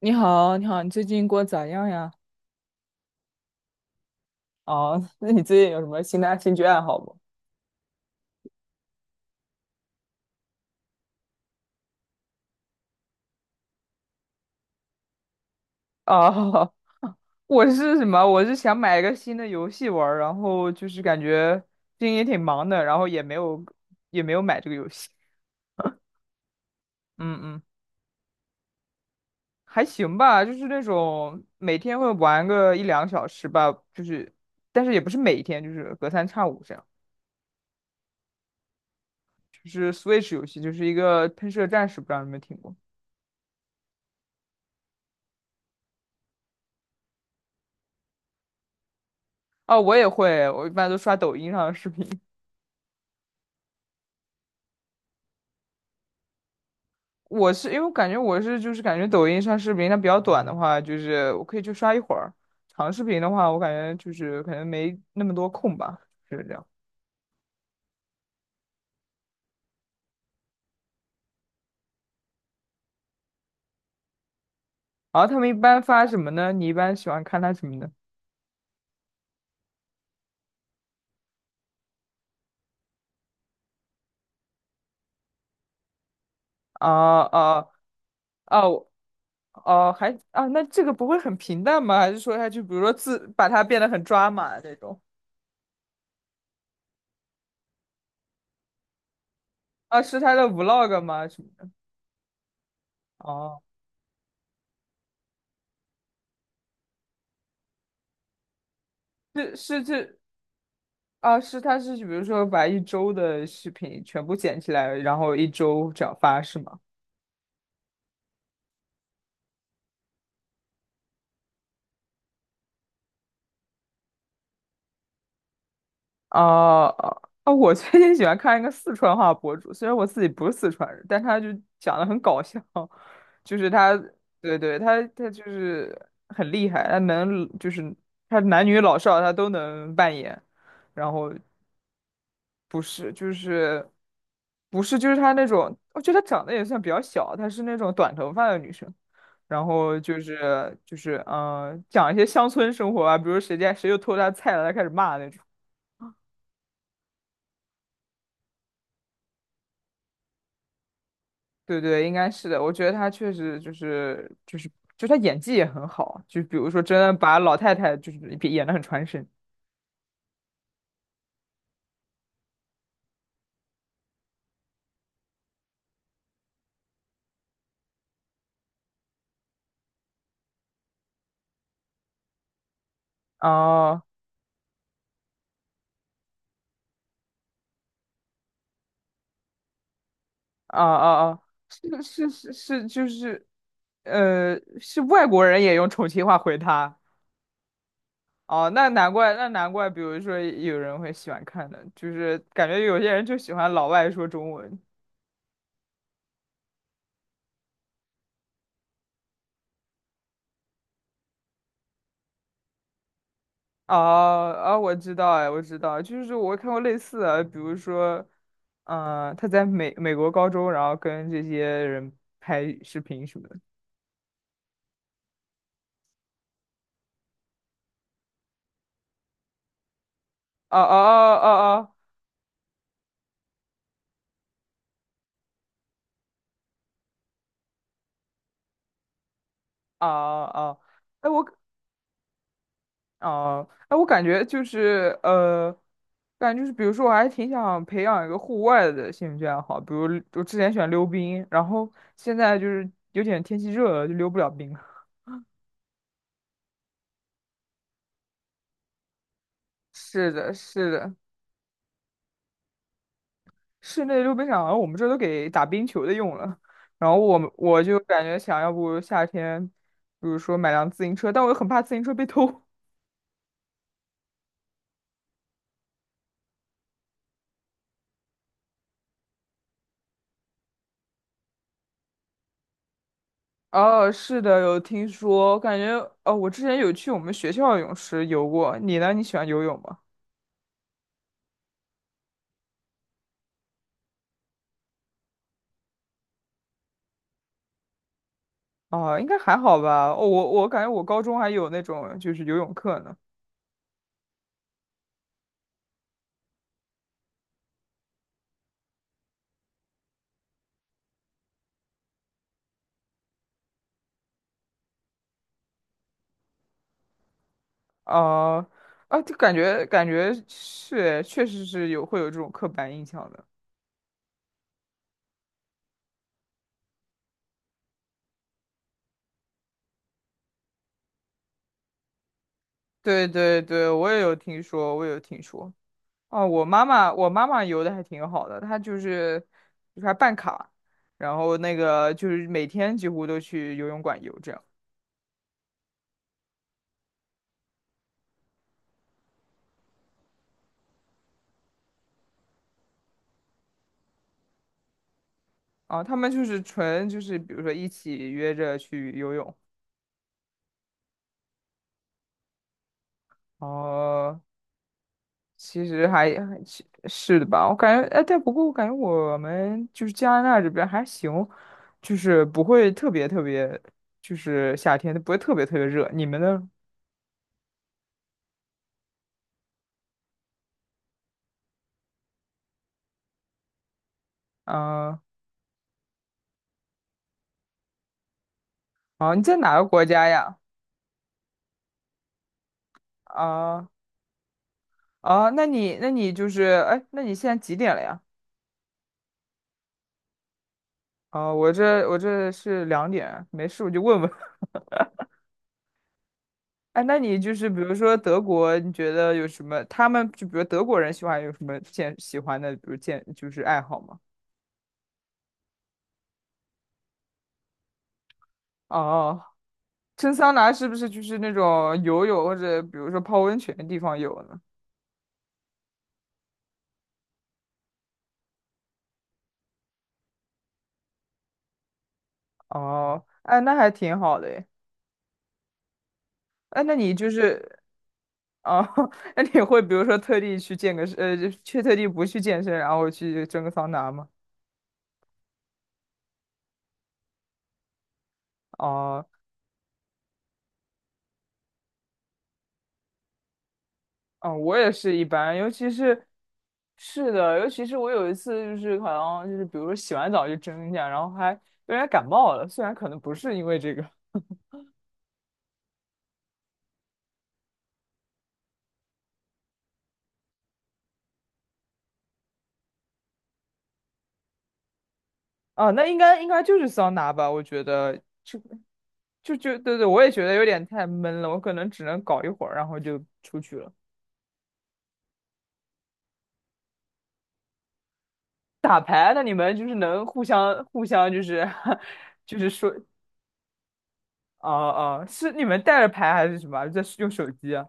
你好，你好，你最近过得咋样呀？哦，那你最近有什么新的兴趣爱好不？哦，我是什么？我是想买一个新的游戏玩儿，然后就是感觉最近也挺忙的，然后也没有买这个游戏。嗯嗯，还行吧，就是那种每天会玩个一两个小时吧，就是但是也不是每天，就是隔三差五这样。就是 Switch 游戏，就是一个喷射战士，不知道你们听过？哦，我也会，我一般都刷抖音上的视频。我是因为我感觉我是就是感觉抖音上视频它比较短的话，就是我可以去刷一会儿；长视频的话，我感觉就是可能没那么多空吧，就是这样。然后他们一般发什么呢？你一般喜欢看他什么呢？啊啊啊！我哦，还啊，那这个不会很平淡吗？还是说他就比如说自把它变得很抓马那种？啊，是他的 vlog 吗？什么的？哦，是是是啊，他是比如说把一周的视频全部剪起来，然后一周这样发是吗？啊啊！我最近喜欢看一个四川话博主，虽然我自己不是四川人，但他就讲的很搞笑，就是他，对对，他就是很厉害，他能就是他男女老少他都能扮演，然后不是就是他那种，我觉得他长得也算比较小，她是那种短头发的女生，然后就是讲一些乡村生活啊，比如谁家谁又偷他菜了，他开始骂那种。对对，应该是的。我觉得他确实就他演技也很好，就比如说真的把老太太就是演得很传神。哦哦哦哦，是是是是，就是，是外国人也用重庆话回他。哦，那难怪，那难怪，比如说有人会喜欢看的，就是感觉有些人就喜欢老外说中文。啊啊，我知道哎，我知道，就是我看过类似的，比如说，他在美国高中，然后跟这些人拍视频什么的。哦哦哦哦哦哦哦，啊啊啊哎我哦哎我感觉就是感觉就是比如说我还挺想培养一个户外的兴趣爱好，比如我之前喜欢溜冰，然后现在就是有点天气热了，就溜不了冰了。是的，是的。室内溜冰场，我们这都给打冰球的用了。然后我就感觉想要不夏天，比如说买辆自行车，但我又很怕自行车被偷。哦，是的，有听说，感觉哦，我之前有去我们学校的泳池游过。你呢？你喜欢游泳吗？啊，应该还好吧。哦，我感觉我高中还有那种就是游泳课呢。啊啊，就感觉是，确实是会有这种刻板印象的。对对对，我也有听说，我也有听说。哦，我妈妈游的还挺好的，她就是还办卡，然后那个就是每天几乎都去游泳馆游这样。啊，他们就是纯就是比如说一起约着去游泳，哦，其实还其是的吧，我感觉，哎，但不过我感觉我们就是加拿大这边还行，就是不会特别特别，就是夏天不会特别特别热。你们呢？啊、啊，你在哪个国家呀？啊、啊，那你就是，哎，那你现在几点了呀？啊，我这是两点，没事我就问问。哎，那你就是比如说德国，你觉得有什么？他们就比如德国人喜欢有什么喜欢的，比如就是爱好吗？哦，蒸桑拿是不是就是那种游泳或者比如说泡温泉的地方有呢？哦，哎，那还挺好的诶。哎，那你就是哦，那你会比如说特地去健个身，就去特地不去健身，然后去蒸个桑拿吗？哦。嗯，我也是一般，尤其是，是的，尤其是我有一次就是好像就是比如说洗完澡就蒸一下，然后还有点感冒了，虽然可能不是因为这个啊，那应该就是桑拿吧，我觉得就对对，我也觉得有点太闷了，我可能只能搞一会儿，然后就出去了。打牌，那你们就是能互相就是 就是说，哦、哦、是你们带着牌还是什么？在用手机啊？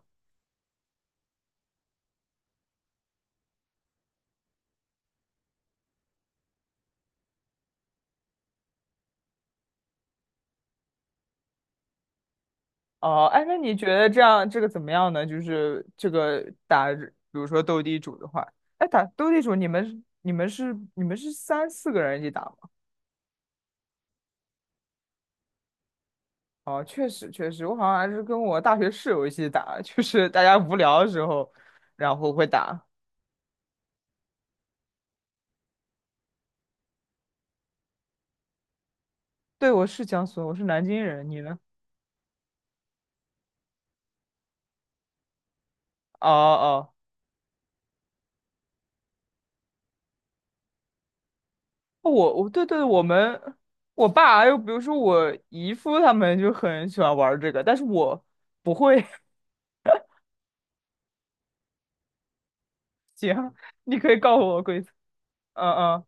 哦，哎，那你觉得这样这个怎么样呢？就是这个打，比如说斗地主的话，哎，打斗地主，你们是三四个人一起打吗？哦，确实确实，我好像还是跟我大学室友一起打，就是大家无聊的时候，然后会打。对，我是江苏人我是南京人，你呢？哦哦，哦我对对，我们我爸还有比如说我姨夫他们就很喜欢玩儿这个，但是我不会。行，你可以告诉我规则。嗯嗯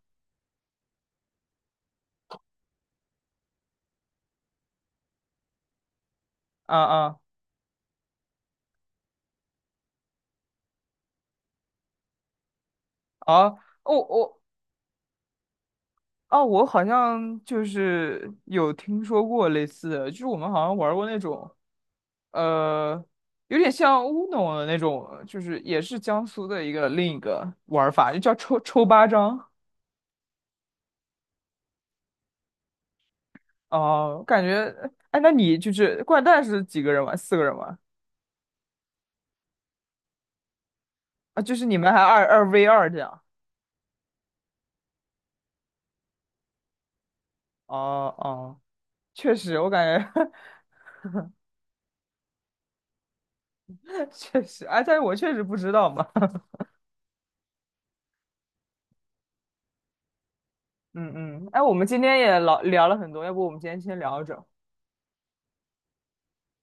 嗯嗯。啊，哦我啊，我好像就是有听说过类似的，就是我们好像玩过那种，呃，有点像乌龙的那种，就是也是江苏的一个另一个玩法，就叫抽抽八张。哦、感觉，哎，那你就是掼蛋是几个人玩？四个人玩啊？就是你们还二二 v 二这样？哦哦，确实，我感觉 确实，哎，但是我确实不知道嘛。嗯嗯，哎，我们今天也老聊了很多，要不我们今天先聊着。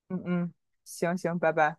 嗯嗯，行行，拜拜。